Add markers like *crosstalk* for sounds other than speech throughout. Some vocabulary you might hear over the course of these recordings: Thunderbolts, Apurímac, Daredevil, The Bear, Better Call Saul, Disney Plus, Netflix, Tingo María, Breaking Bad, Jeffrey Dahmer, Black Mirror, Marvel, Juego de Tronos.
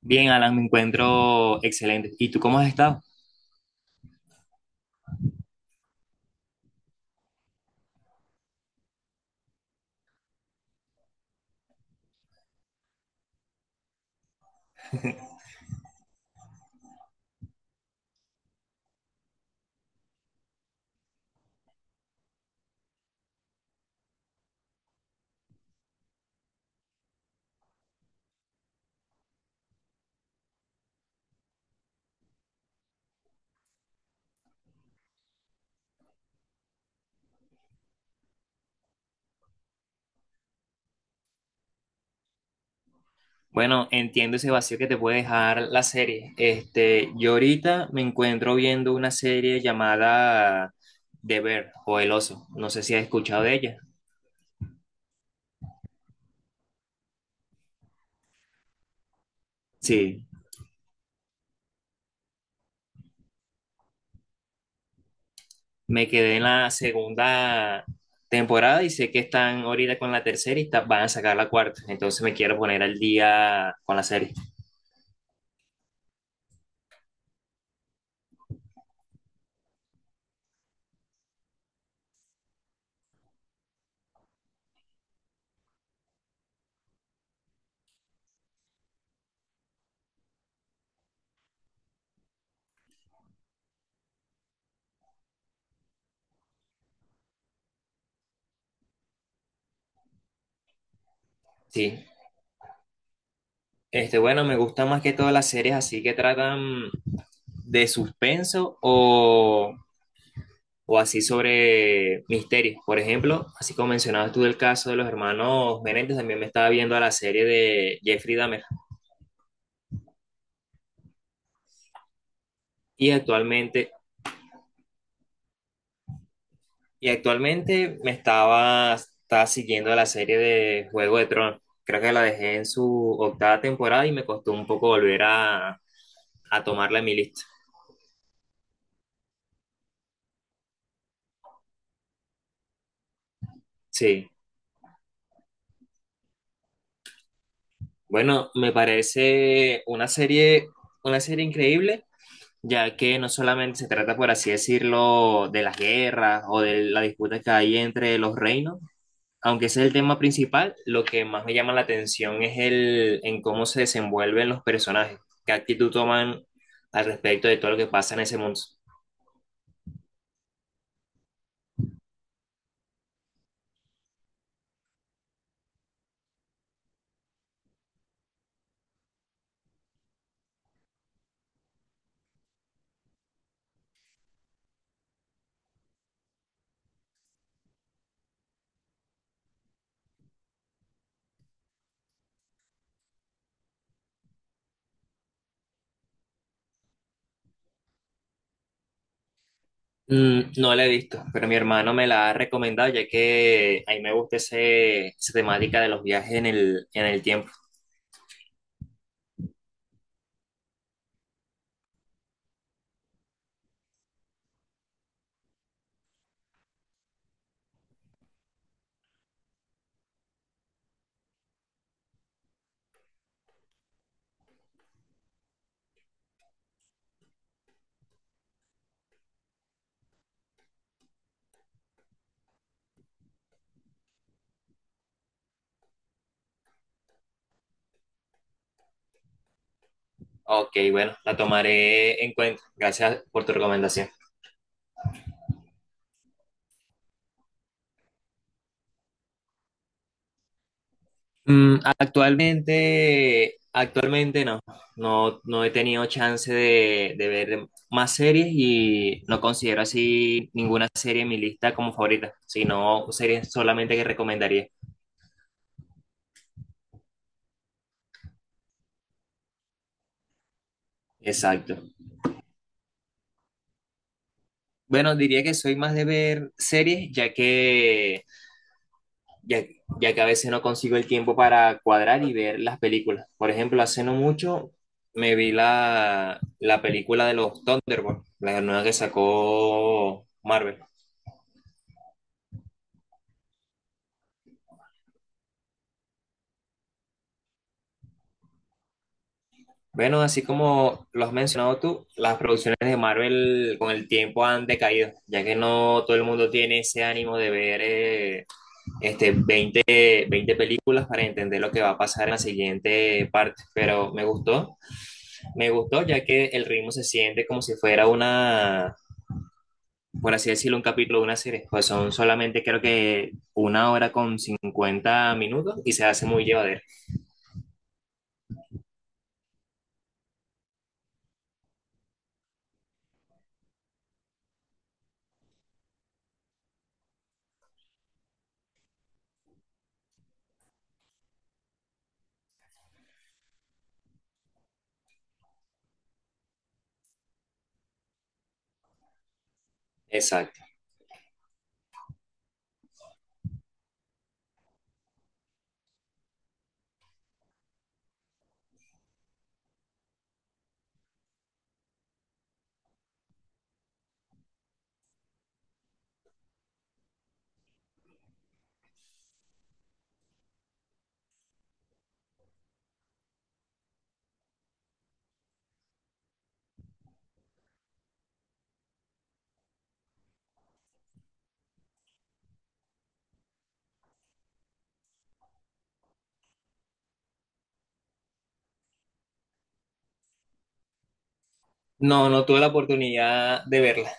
Bien, Alan, me encuentro excelente. ¿Y tú cómo has estado? Bueno, entiendo ese vacío que te puede dejar la serie. Este, yo ahorita me encuentro viendo una serie llamada The Bear o El Oso. No sé si has escuchado de ella. Sí, me quedé en la segunda temporada y sé que están ahorita con la tercera y van a sacar la cuarta. Entonces me quiero poner al día con la serie. Sí. Este, bueno, me gustan más que todas las series así que tratan de suspenso o así sobre misterios. Por ejemplo, así como mencionabas tú del caso de los hermanos Menéndez, también me estaba viendo a la serie de Jeffrey Dahmer y y actualmente me estaba siguiendo la serie de Juego de Tronos. Creo que la dejé en su octava temporada y me costó un poco volver a tomarla en mi lista. Sí, bueno, me parece una serie increíble, ya que no solamente se trata, por así decirlo, de las guerras o de la disputa que hay entre los reinos. Aunque ese es el tema principal, lo que más me llama la atención es el en cómo se desenvuelven los personajes, qué actitud toman al respecto de todo lo que pasa en ese mundo. Mm, no la he visto, pero mi hermano me la ha recomendado, ya que a mí me gusta esa temática de los viajes en el tiempo. Ok, bueno, la tomaré en cuenta. Gracias por tu recomendación. Mm, actualmente no, no, no he tenido chance de ver más series y no considero así ninguna serie en mi lista como favorita, sino series solamente que recomendaría. Exacto. Bueno, diría que soy más de ver series, ya, ya que a veces no consigo el tiempo para cuadrar y ver las películas. Por ejemplo, hace no mucho me vi la película de los Thunderbolts, la nueva que sacó Marvel. Bueno, así como lo has mencionado tú, las producciones de Marvel con el tiempo han decaído, ya que no todo el mundo tiene ese ánimo de ver este, veinte películas para entender lo que va a pasar en la siguiente parte. Pero me gustó, ya que el ritmo se siente como si fuera una, por así decirlo, un capítulo de una serie. Pues son solamente creo que 1 hora con 50 minutos y se hace muy llevadero. Exacto. No, no tuve la oportunidad de verla.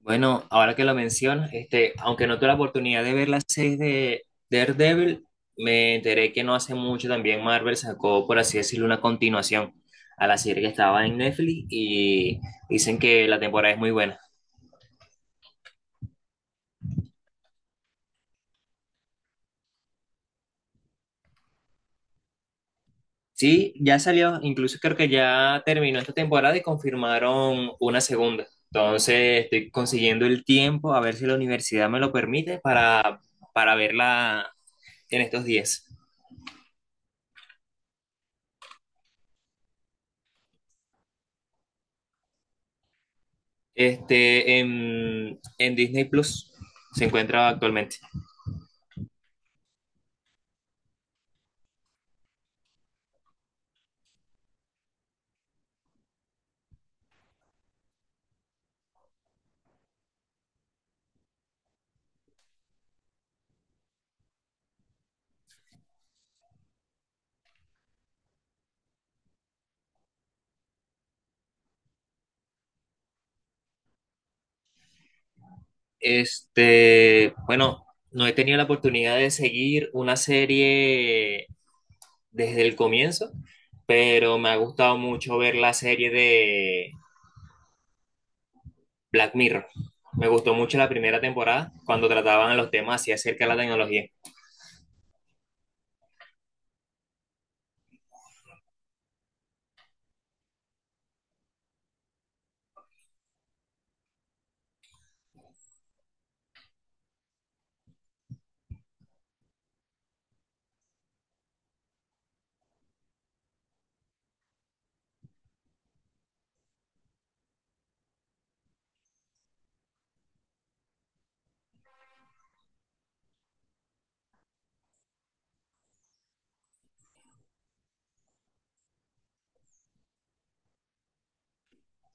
Bueno, ahora que lo mencionas, este, aunque no tuve la oportunidad de ver las seis de Daredevil, me enteré que no hace mucho también Marvel sacó, por así decirlo, una continuación a la serie que estaba en Netflix y dicen que la temporada es muy buena. Sí, ya salió, incluso creo que ya terminó esta temporada y confirmaron una segunda. Entonces estoy consiguiendo el tiempo a ver si la universidad me lo permite para verla en estos días. Este, en Disney Plus se encuentra actualmente. Este, bueno, no he tenido la oportunidad de seguir una serie desde el comienzo, pero me ha gustado mucho ver la serie de Black Mirror. Me gustó mucho la primera temporada cuando trataban los temas así acerca de la tecnología.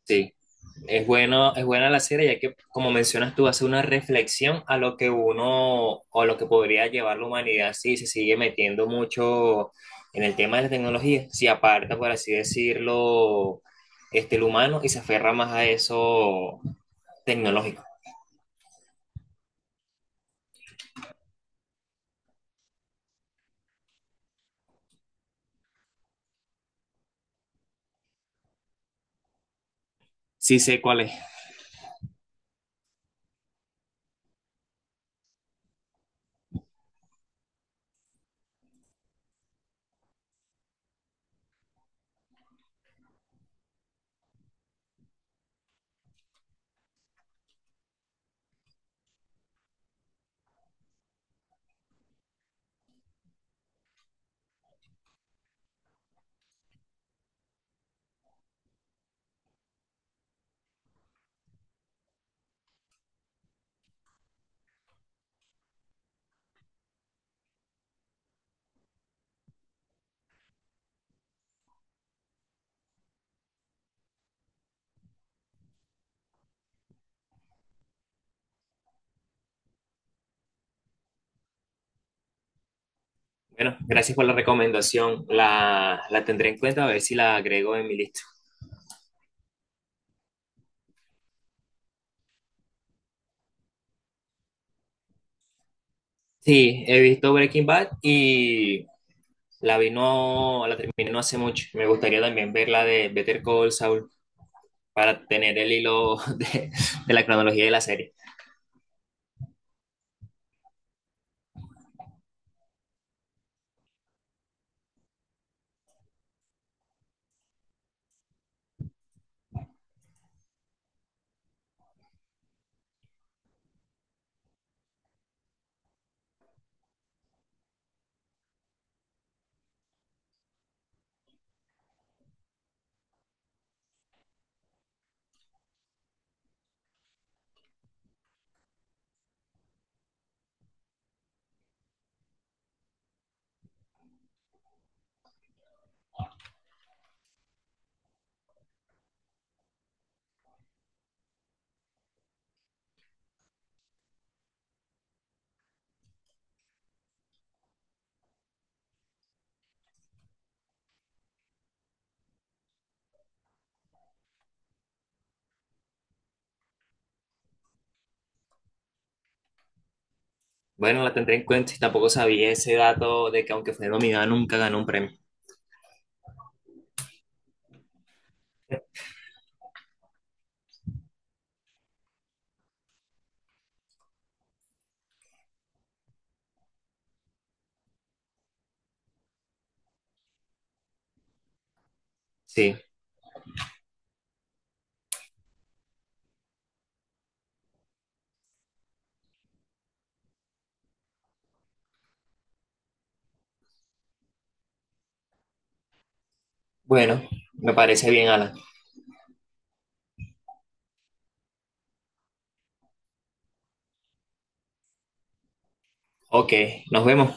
Sí, es buena la serie, ya que, como mencionas tú, hace una reflexión a lo que uno o lo que podría llevar la humanidad si se sigue metiendo mucho en el tema de la tecnología, si aparta, por así decirlo, este, el humano y se aferra más a eso tecnológico. Sí sé cuál es. Bueno, gracias por la recomendación. La tendré en cuenta a ver si la agrego en mi lista. Sí, he visto Breaking Bad y la terminé no hace mucho. Me gustaría también ver la de Better Call Saul para tener el hilo *laughs* de la cronología de la serie. Bueno, la tendré en cuenta y tampoco sabía ese dato de que aunque fue nominada nunca ganó un premio. Sí, bueno, me parece bien, Alan. Ok, nos vemos.